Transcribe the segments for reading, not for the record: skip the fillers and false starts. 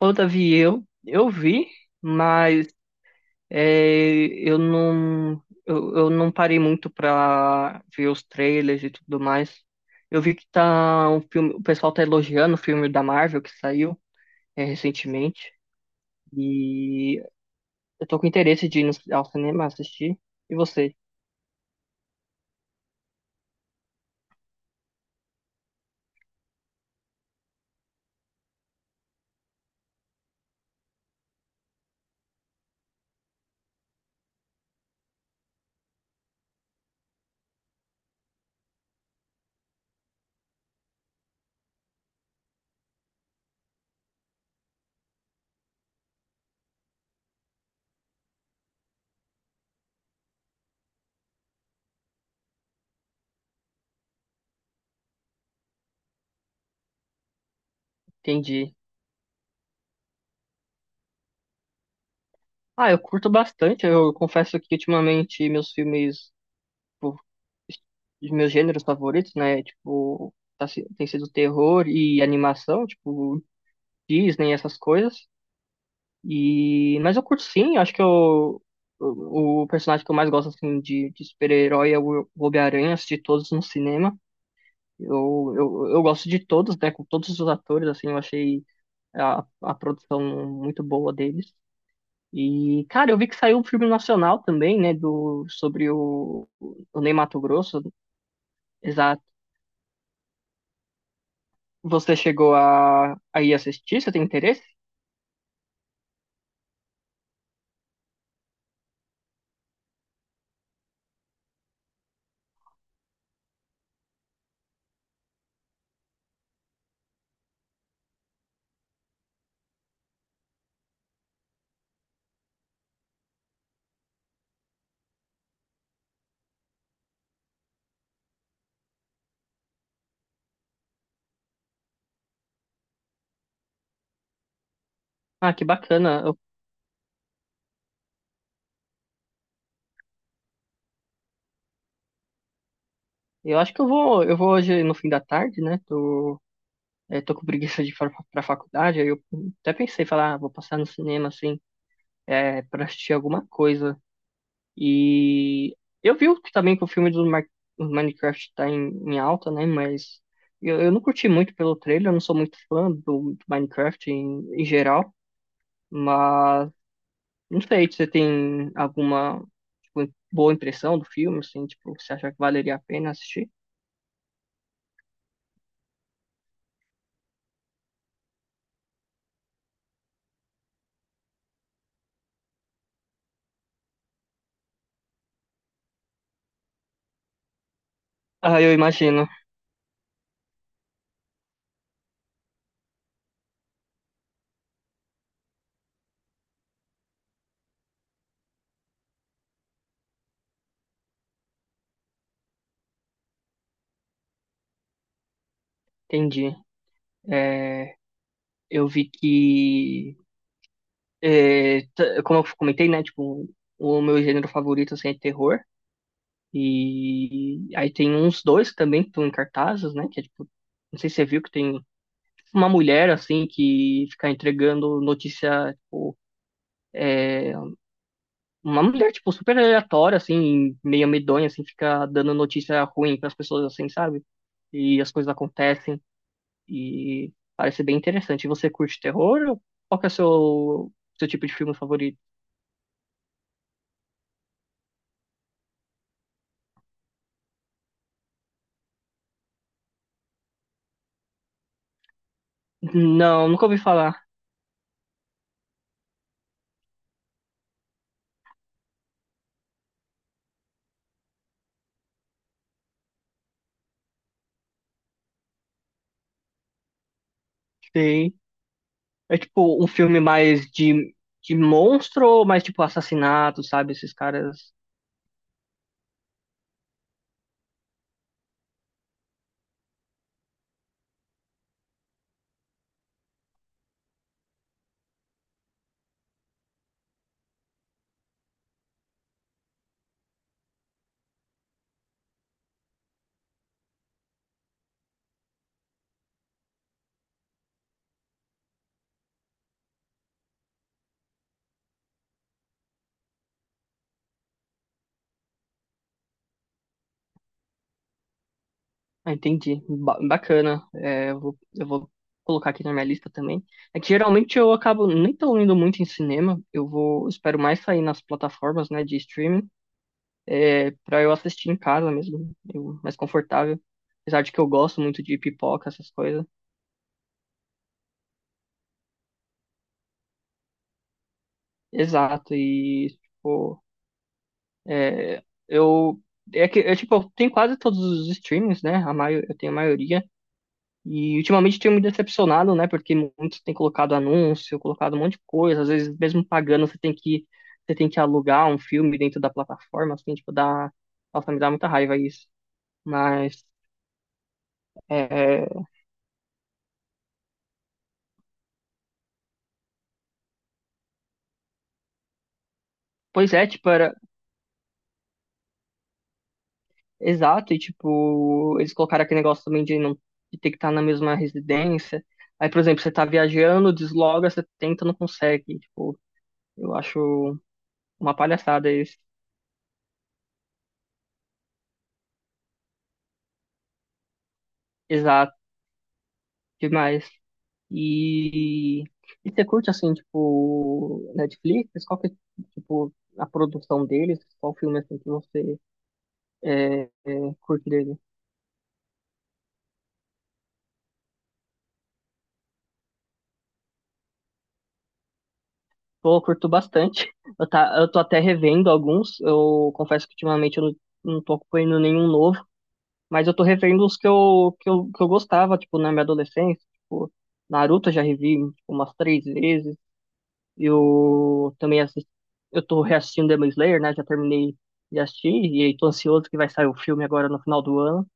Ô, Davi, eu vi, mas é, eu não eu não parei muito pra ver os trailers e tudo mais. Eu vi que tá um filme, o pessoal tá elogiando o filme da Marvel que saiu, recentemente, e eu tô com interesse de ir ao cinema assistir. E você? Entendi. Ah, eu curto bastante. Eu confesso que ultimamente meus filmes, tipo, os meus gêneros favoritos, né, tipo, tem sido terror e animação, tipo Disney, essas coisas. E... Mas eu curto sim, acho que eu, o personagem que eu mais gosto assim, de super-herói é o Homem-Aranha, assisti todos no cinema. Eu gosto de todos, né? Com todos os atores, assim, eu achei a produção muito boa deles. E, cara, eu vi que saiu um filme nacional também, né? Sobre o Ney Matogrosso. Exato. Você chegou a ir assistir? Você tem interesse? Ah, que bacana. Eu acho que eu vou hoje no fim da tarde, né? Tô, eu tô com preguiça de ir pra faculdade, aí eu até pensei, falar, ah, vou passar no cinema, assim, pra assistir alguma coisa. E eu vi também que o filme do Minecraft tá em alta, né? Mas eu não curti muito pelo trailer, eu não sou muito fã do Minecraft em geral. Mas não sei você tem alguma, tipo, boa impressão do filme, assim, tipo, você acha que valeria a pena assistir? Ah, eu imagino, entendi. É, eu vi que é, como eu comentei, né? Tipo, o meu gênero favorito assim, é terror. E aí tem uns dois também que estão em cartazes, né? Que é tipo, não sei se você viu que tem uma mulher assim que fica entregando notícia, tipo, é, uma mulher tipo super aleatória assim, meio medonha assim, fica dando notícia ruim para as pessoas assim, sabe? E as coisas acontecem e parece bem interessante. E você curte terror? Ou qual que é o seu tipo de filme favorito? Não, nunca ouvi falar. Sim. É tipo um filme mais de monstro ou mais tipo assassinato, sabe? Esses caras. Ah, entendi. Bacana. É, eu vou colocar aqui na minha lista também. É que geralmente eu acabo nem tão indo muito em cinema. Eu vou, espero mais sair nas plataformas, né, de streaming, é, pra eu assistir em casa mesmo, mais confortável. Apesar de que eu gosto muito de pipoca, essas coisas. Exato. E, tipo. É, eu, é que, é, tipo, eu tenho quase todos os streamings, né? Eu tenho a maioria. E ultimamente tenho me decepcionado, né? Porque muitos têm colocado anúncio, colocado um monte de coisa. Às vezes, mesmo pagando, você tem que alugar um filme dentro da plataforma, assim, tipo, dá... Nossa, me dá muita raiva isso. Mas, é, pois é, tipo, era... Exato, e tipo, eles colocaram aquele negócio também de não de ter que estar na mesma residência. Aí, por exemplo, você tá viajando, desloga, você tenta, não consegue. Tipo, eu acho uma palhaçada isso. Exato, demais. E, e você curte, assim, tipo, Netflix? Qual que, é, tipo, a produção deles? Qual filme, assim, que você é, é, curte dele? Pô, eu curto bastante. Eu, tá, eu tô até revendo alguns. Eu confesso que ultimamente eu não tô acompanhando nenhum novo. Mas eu tô revendo os que eu gostava, tipo, na minha adolescência. Tipo, Naruto eu já revi, tipo, umas três vezes. Eu também assisti, eu tô reassistindo Demon Slayer, né? Já terminei de assistir e aí tô ansioso que vai sair o filme agora no final do ano.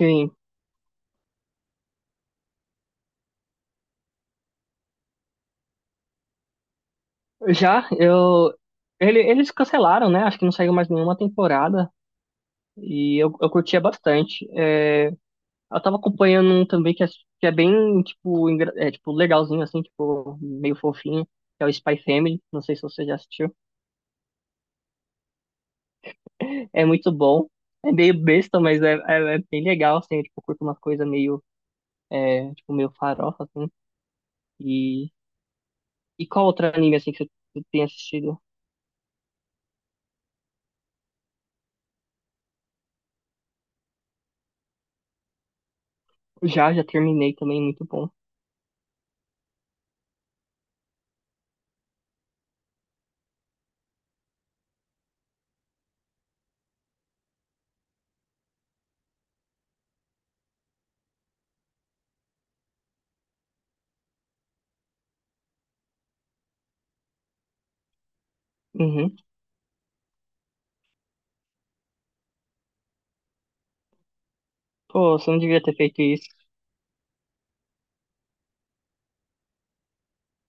Sim, já eu eles cancelaram, né? Acho que não saiu mais nenhuma temporada e eu curtia bastante. É, eu tava acompanhando um também que é bem tipo é, tipo legalzinho assim, tipo meio fofinho, que é o Spy Family. Não sei se você já assistiu. É muito bom. É meio besta, mas é bem legal, assim, eu, tipo, curto uma coisa meio é, tipo, meio farofa, assim. E, e qual outro anime, assim, que você tem assistido? Já terminei também, muito bom. Uhum. Pô, você não devia ter feito isso.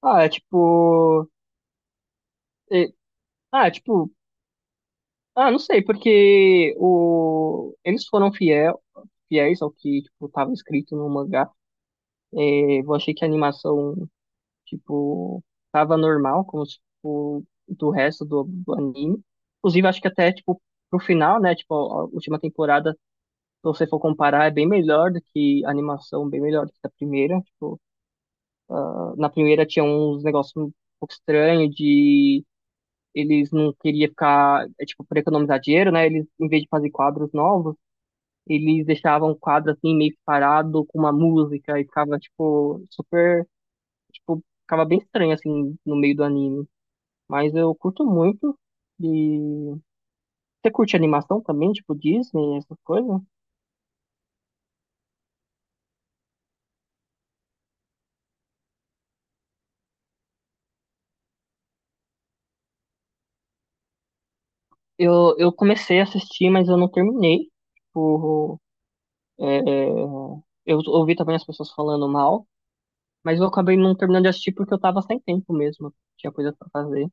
Ah, é tipo... e- ah, é tipo... Ah, não sei, porque o... eles foram fiel, fiéis ao que, tipo, tava escrito no mangá. É, eu achei que a animação, tipo, tava normal, como, se, tipo, do resto do anime. Inclusive, acho que até, tipo, pro final, né, tipo, a última temporada, se você for comparar, é bem melhor do que a animação, bem melhor do que a primeira. Tipo, na primeira tinha uns negócios um pouco estranhos de eles não queriam ficar, é, tipo, para economizar dinheiro, né? Eles, em vez de fazer quadros novos, eles deixavam o quadro assim meio que parado com uma música e ficava tipo super, tipo, ficava bem estranho assim no meio do anime. Mas eu curto muito. E você curte animação também, tipo Disney, essas coisas? Eu comecei a assistir, mas eu não terminei. Tipo, É, é, eu ouvi também as pessoas falando mal, mas eu acabei não terminando de assistir porque eu tava sem tempo mesmo. Tinha coisa pra fazer.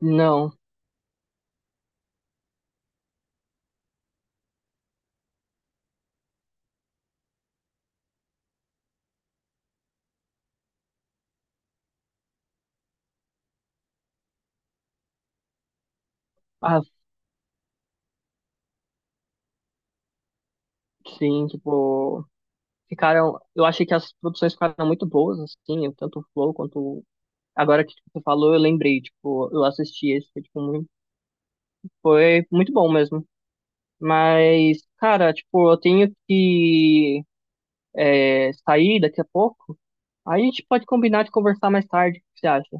Não. Ah, sim, tipo, ficaram. Eu achei que as produções ficaram muito boas, assim, tanto o Flow quanto. O- Agora que você falou, eu lembrei, tipo, eu assisti esse, foi, tipo, muito, foi muito bom mesmo. Mas, cara, tipo, eu tenho que é, sair daqui a pouco. Aí a gente pode combinar de conversar mais tarde, o que você acha?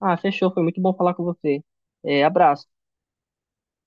Ah, fechou. Foi muito bom falar com você. É, abraço.